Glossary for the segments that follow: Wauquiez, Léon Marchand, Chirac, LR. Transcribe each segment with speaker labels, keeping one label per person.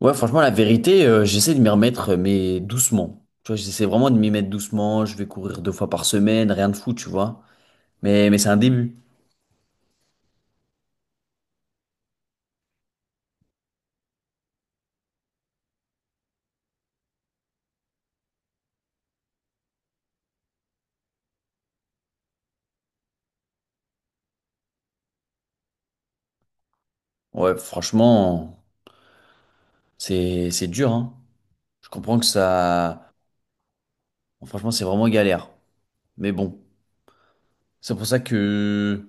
Speaker 1: Ouais, franchement, la vérité, j'essaie de m'y remettre, mais doucement. Tu vois, j'essaie vraiment de m'y mettre doucement. Je vais courir deux fois par semaine, rien de fou, tu vois. Mais c'est un début. Ouais, franchement, c'est dur, hein. Je comprends que ça, franchement, c'est vraiment galère. Mais bon, c'est pour ça que,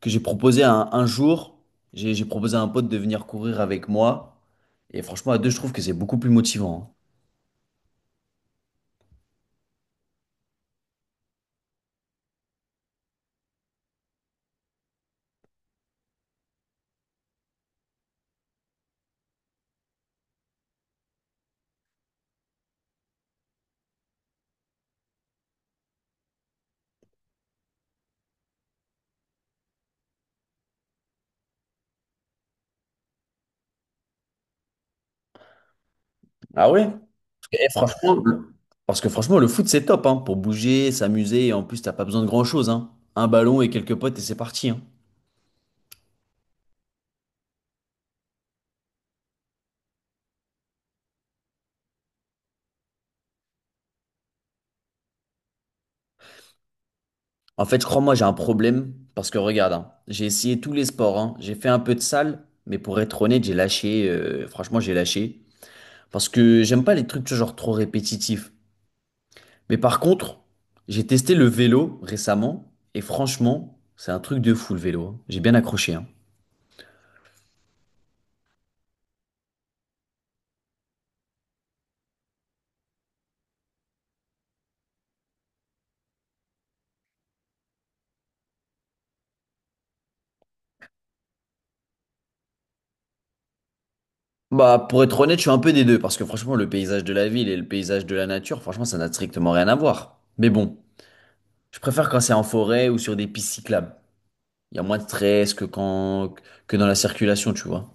Speaker 1: que j'ai proposé un jour, j'ai proposé à un pote de venir courir avec moi. Et franchement, à deux, je trouve que c'est beaucoup plus motivant, hein. Ah ouais? Et franchement, parce que franchement, le foot, c'est top, hein, pour bouger, s'amuser, et en plus, t'as pas besoin de grand-chose, hein. Un ballon et quelques potes, et c'est parti, hein. En fait, je crois, moi, j'ai un problème, parce que regarde, hein, j'ai essayé tous les sports, hein. J'ai fait un peu de salle, mais pour être honnête, j'ai lâché, franchement, j'ai lâché, parce que j'aime pas les trucs, tu vois, genre, trop répétitifs. Mais par contre, j'ai testé le vélo récemment, et franchement, c'est un truc de fou, le vélo, hein. J'ai bien accroché, hein. Bah, pour être honnête, je suis un peu des deux, parce que franchement, le paysage de la ville et le paysage de la nature, franchement, ça n'a strictement rien à voir. Mais bon, je préfère quand c'est en forêt ou sur des pistes cyclables. Il y a moins de stress que quand, que dans la circulation, tu vois.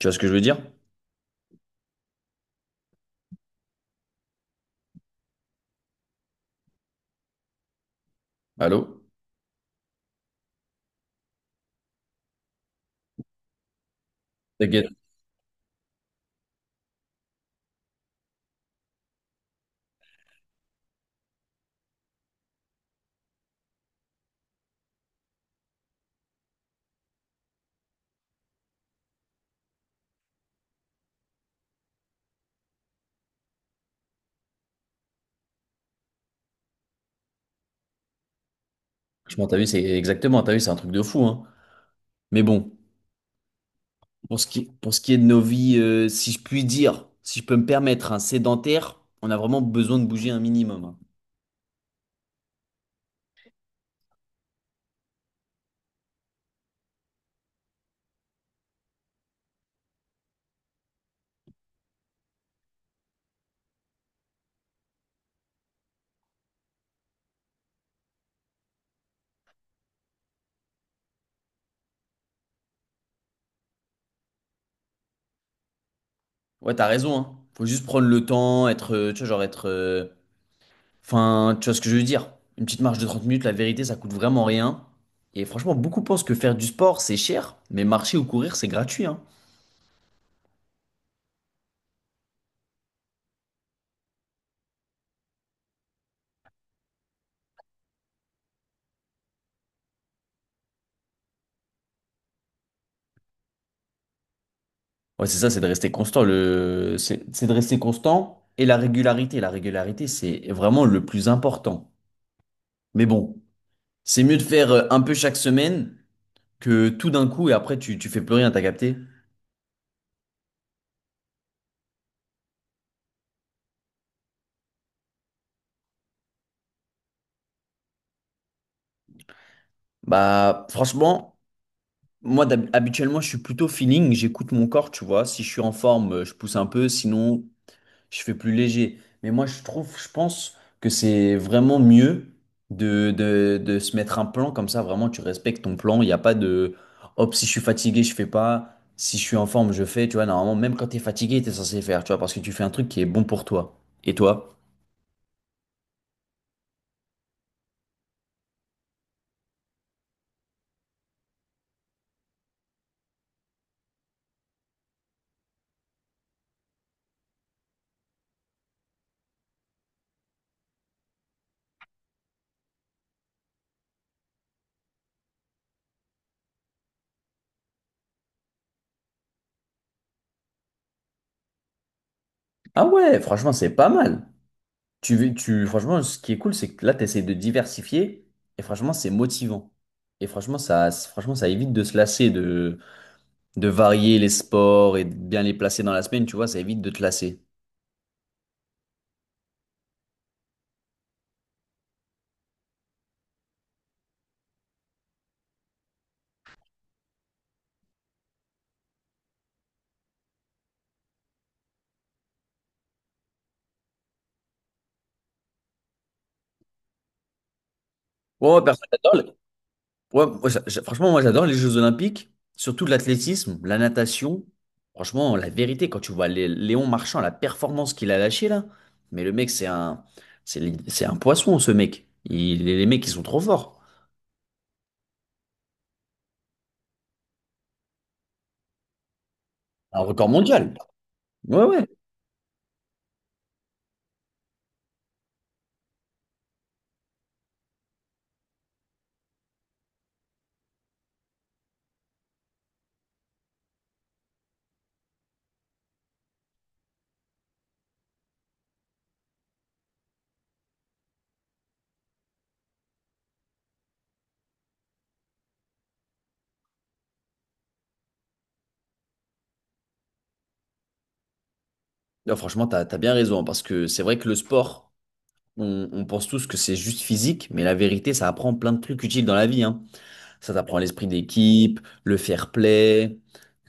Speaker 1: Tu vois ce que je veux dire? Allô? T'inquiète, franchement, t'as vu, c'est exactement, t'as vu, c'est un truc de fou, hein. Mais bon, pour ce qui est de nos vies, si je puis dire, si je peux me permettre, un sédentaire, on a vraiment besoin de bouger un minimum, hein. Ouais, t'as raison, hein. Faut juste prendre le temps, être, tu vois, genre être, enfin, tu vois ce que je veux dire? Une petite marche de 30 minutes, la vérité, ça coûte vraiment rien. Et franchement, beaucoup pensent que faire du sport, c'est cher, mais marcher ou courir, c'est gratuit, hein. Ouais, c'est ça, c'est de rester constant. Le... c'est de rester constant et la régularité. La régularité, c'est vraiment le plus important. Mais bon, c'est mieux de faire un peu chaque semaine que tout d'un coup et après tu, tu fais plus rien, t'as capté? Bah, franchement, moi, habituellement, je suis plutôt feeling, j'écoute mon corps, tu vois. Si je suis en forme, je pousse un peu, sinon, je fais plus léger. Mais moi, je trouve, je pense que c'est vraiment mieux de se mettre un plan comme ça. Vraiment, tu respectes ton plan. Il n'y a pas de hop, si je suis fatigué, je fais pas. Si je suis en forme, je fais. Tu vois, normalement, même quand tu es fatigué, tu es censé faire. Tu vois, parce que tu fais un truc qui est bon pour toi. Et toi? Ah ouais, franchement, c'est pas mal. Tu, tu, franchement, ce qui est cool, c'est que là, tu essaies de diversifier. Et franchement, c'est motivant. Et franchement, ça évite de se lasser de varier les sports et de bien les placer dans la semaine, tu vois, ça évite de te lasser. Ouais, moi, perso, ouais, moi, franchement, moi, j'adore les Jeux Olympiques, surtout l'athlétisme, la natation. Franchement, la vérité, quand tu vois Léon Marchand, la performance qu'il a lâchée là, mais le mec, c'est un, c'est un poisson, ce mec. Il, les mecs, ils sont trop forts. Un record mondial. Ouais, ouais. Non, franchement, t'as bien raison, hein, parce que c'est vrai que le sport, on pense tous que c'est juste physique, mais la vérité, ça apprend plein de trucs utiles dans la vie, hein. Ça t'apprend l'esprit d'équipe, le fair play,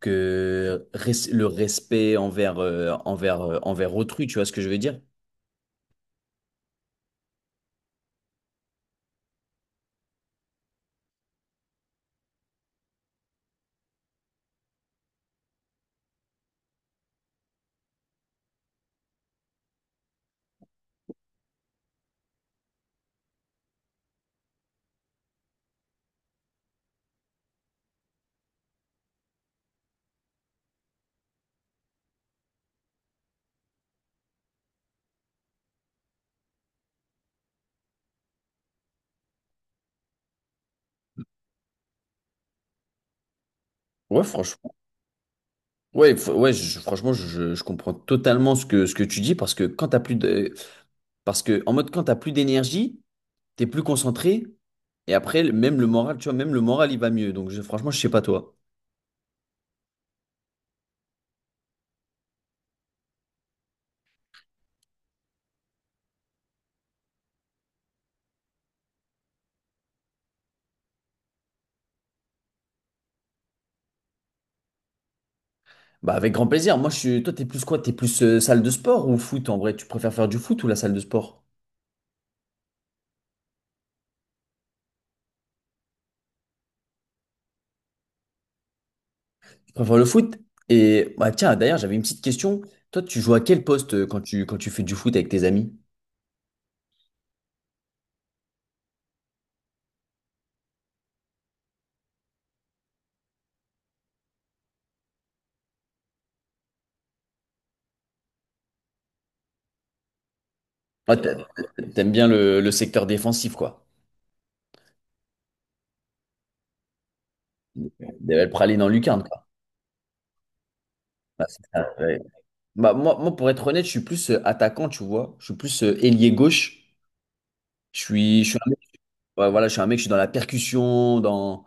Speaker 1: le respect envers autrui, tu vois ce que je veux dire? Ouais, franchement. Ouais, ouais, franchement, je comprends totalement ce que tu dis parce que quand t'as plus de, parce que en mode quand t'as plus d'énergie, t'es plus concentré et après même le moral, tu vois, même le moral il va mieux. Donc franchement, je sais pas toi. Bah avec grand plaisir. Moi, je suis, toi, t'es plus quoi? T'es plus salle de sport ou foot en vrai? Tu préfères faire du foot ou la salle de sport? Enfin, le foot. Et bah, tiens, d'ailleurs, j'avais une petite question. Toi, tu joues à quel poste quand quand tu fais du foot avec tes amis? Ah, t'aimes bien le secteur défensif, quoi. Des belles pralines en lucarne, quoi. Bah, c'est ça, ouais. Bah, moi, moi, pour être honnête, je suis plus attaquant, tu vois. Je suis plus ailier gauche. Je suis Ouais, voilà, je suis un mec, je suis dans la percussion,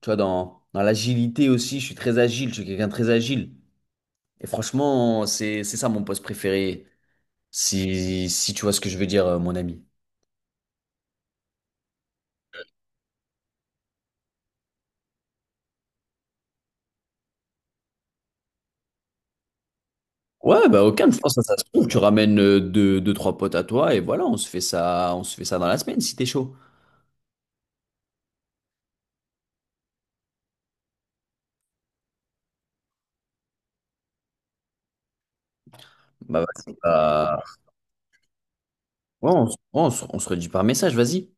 Speaker 1: tu vois, dans l'agilité aussi. Je suis très agile, je suis quelqu'un de très agile. Et franchement, c'est ça mon poste préféré, si tu vois ce que je veux dire, mon ami. Ouais, bah aucun, je pense que ça se trouve. Tu ramènes deux, deux, trois potes à toi et voilà, on se fait ça, on se fait ça dans la semaine si t'es chaud. Bah, vas-y, bah, ouais, on se redit par message, vas-y.